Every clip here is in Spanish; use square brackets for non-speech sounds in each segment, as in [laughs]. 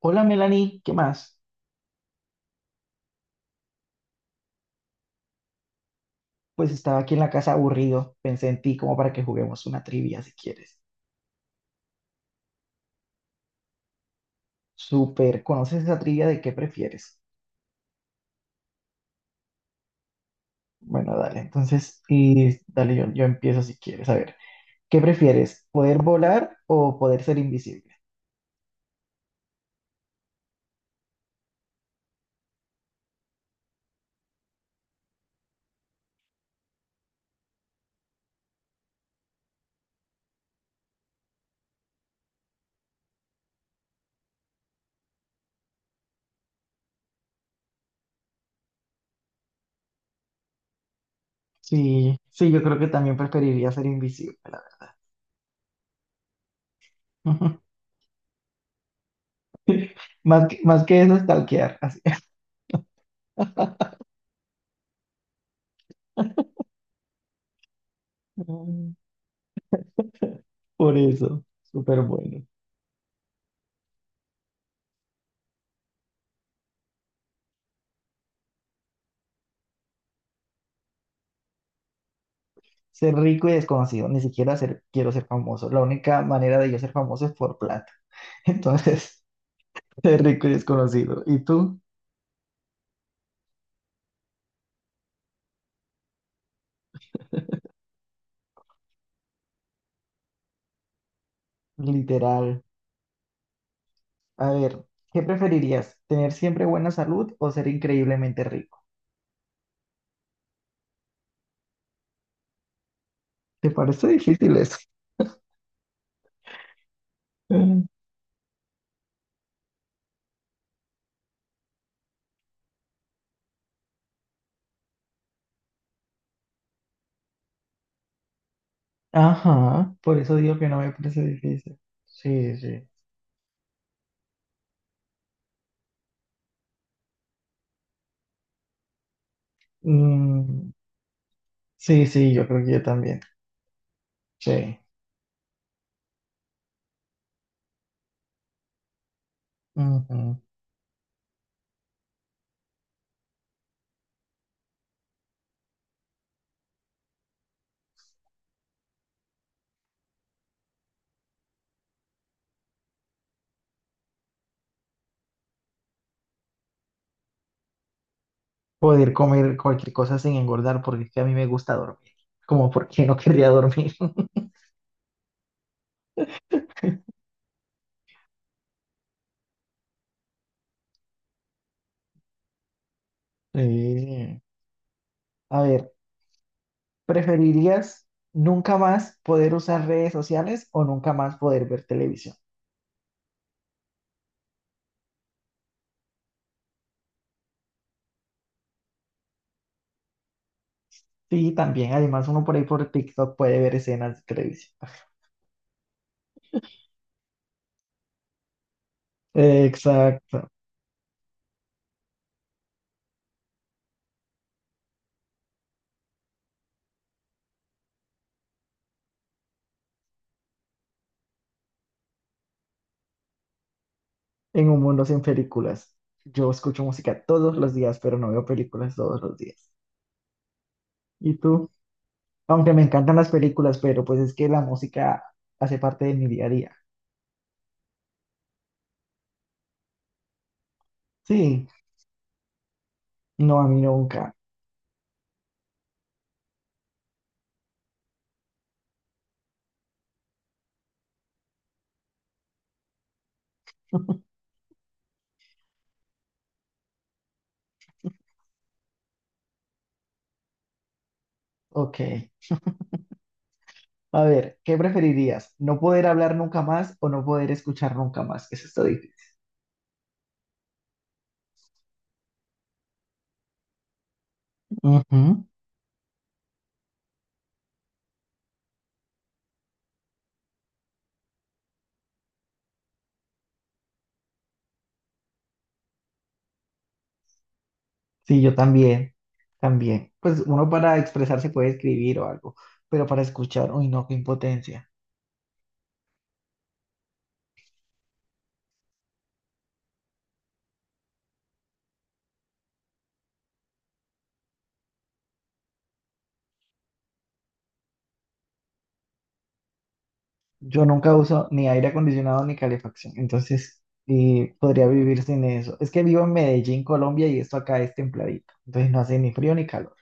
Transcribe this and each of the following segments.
Hola, Melanie, ¿qué más? Pues estaba aquí en la casa aburrido, pensé en ti como para que juguemos una trivia si quieres. Súper, ¿conoces esa trivia de qué prefieres? Bueno, dale, entonces, y dale, yo empiezo si quieres. A ver, ¿qué prefieres? ¿Poder volar o poder ser invisible? Sí, sí, yo creo que también preferiría ser invisible, la verdad. [laughs] Más que eso, stalkear, así. [laughs] Por eso, súper bueno. Ser rico y desconocido, ni siquiera ser, quiero ser famoso. La única manera de yo ser famoso es por plata. [laughs] Entonces, ser rico y desconocido. ¿Y tú? Literal. A ver, ¿qué preferirías? ¿Tener siempre buena salud o ser increíblemente rico? ¿Te parece difícil eso? [laughs] Mm. Ajá, por eso digo que no me parece difícil. Sí, sí. Mm, sí, sí, yo creo que yo también. Sí. Ujú. Poder comer cualquier cosa sin engordar porque es que a mí me gusta dormir. Como porque no querría dormir. Eh, a ver, ¿preferirías nunca más poder usar redes sociales o nunca más poder ver televisión? Sí, también, además uno por ahí por TikTok puede ver escenas de televisión. Exacto, en un mundo sin películas. Yo escucho música todos los días, pero no veo películas todos los días. ¿Y tú? Aunque me encantan las películas, pero pues es que la música hace parte de mi día a día. Sí, no, a mí nunca. [laughs] Ok. A ver, ¿qué preferirías? ¿No poder hablar nunca más o no poder escuchar nunca más? Eso está difícil. Ujú. Sí, yo también, también. Pues uno para expresarse puede escribir o algo, pero para escuchar, uy, no, qué impotencia. Yo nunca uso ni aire acondicionado ni calefacción, entonces podría vivir sin eso. Es que vivo en Medellín, Colombia, y esto acá es templadito, entonces no hace ni frío ni calor.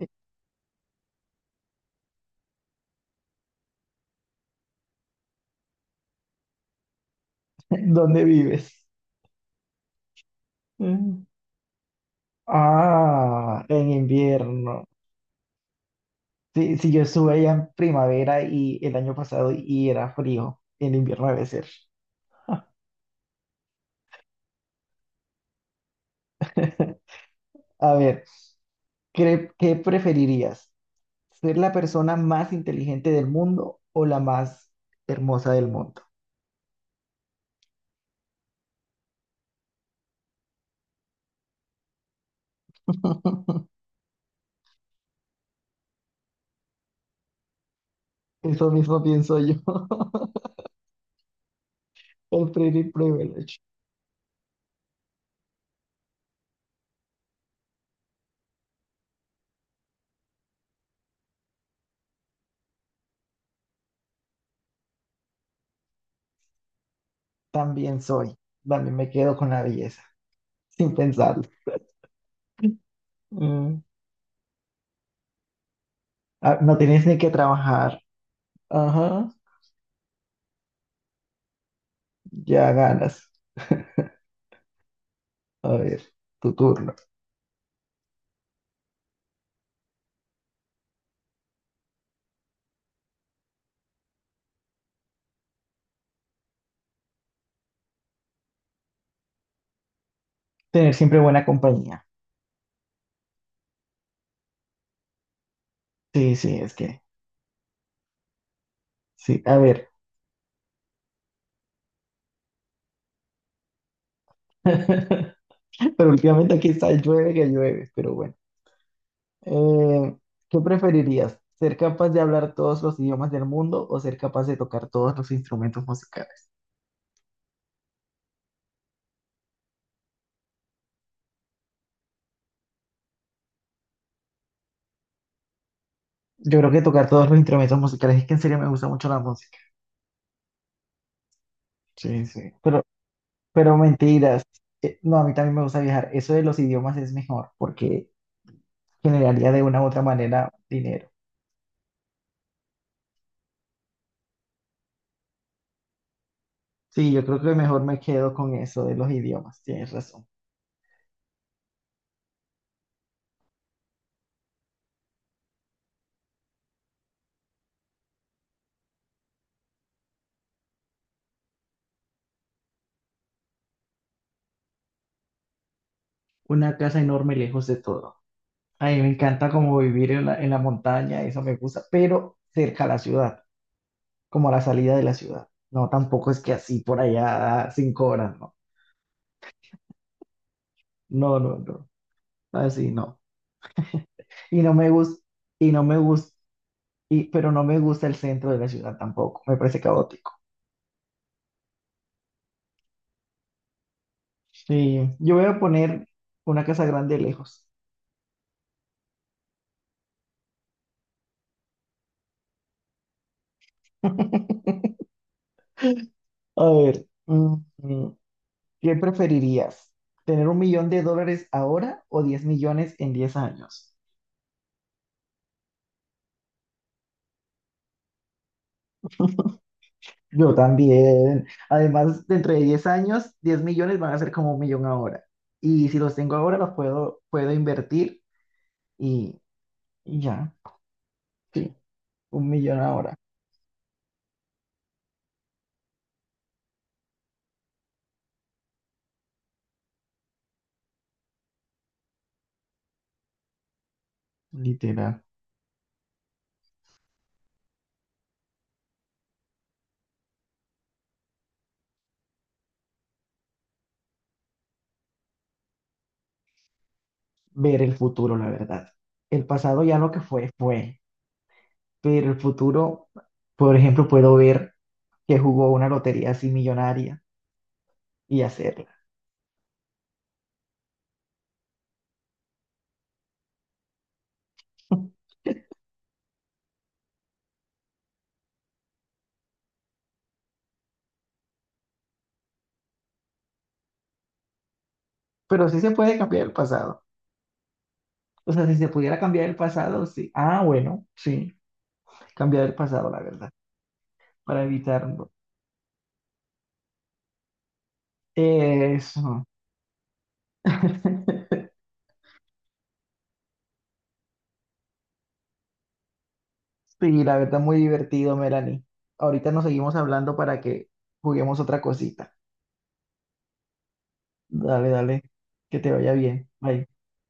[laughs] ¿Dónde vives? Mm. Ah, en invierno. Sí, sí, yo estuve allá en primavera y el año pasado y era frío. En invierno debe ser. [laughs] A ver, ¿qué preferirías? ¿Ser la persona más inteligente del mundo o la más hermosa del mundo? [laughs] Eso mismo pienso yo. [laughs] El pretty privilege. También soy. También me quedo con la belleza, sin pensarlo. [laughs] Mm. Ah, no tienes ni que trabajar. Ajá, ya ganas. [laughs] A ver, tu turno. Tener siempre buena compañía. Sí, sí, es que, sí, a ver. [laughs] Pero últimamente aquí está, llueve que llueve, pero bueno. Eh, ¿Qué preferirías? ¿Ser capaz de hablar todos los idiomas del mundo o ser capaz de tocar todos los instrumentos musicales? Yo creo que tocar todos los instrumentos musicales, es que en serio me gusta mucho la música. Sí, sí. Pero mentiras. No, a mí también me gusta viajar. Eso de los idiomas es mejor porque generaría de una u otra manera dinero. Sí, yo creo que mejor me quedo con eso de los idiomas. Tienes razón. Una casa enorme lejos de todo. A mí me encanta como vivir en la montaña, eso me gusta, pero cerca a la ciudad, como a la salida de la ciudad. No, tampoco es que así por allá 5 horas, no. No, no, no. Así no. Y no me gusta, y no me gusta, y, Pero no me gusta el centro de la ciudad tampoco. Me parece caótico. Sí, yo voy a poner una casa grande lejos. [laughs] A ver, mm, ¿qué preferirías? ¿Tener 1 millón de dólares ahora o 10 millones en 10 años? Yo también. Además, dentro de 10 años, 10 millones van a ser como 1 millón ahora. Y si los tengo ahora, puedo invertir y, y ya. Sí, 1 millón ahora. Literal. Ver el futuro, la verdad. El pasado ya lo que fue, fue. Pero el futuro, por ejemplo, puedo ver que jugó una lotería así millonaria y hacerla. [laughs] Pero sí se puede cambiar el pasado. O sea, si se pudiera cambiar el pasado, sí. Ah, bueno, sí. Cambiar el pasado, la verdad. Para evitarlo. Eso. [laughs] Sí, la verdad, muy divertido, Melanie. Ahorita nos seguimos hablando para que juguemos otra cosita. Dale, dale. Que te vaya bien. Bye.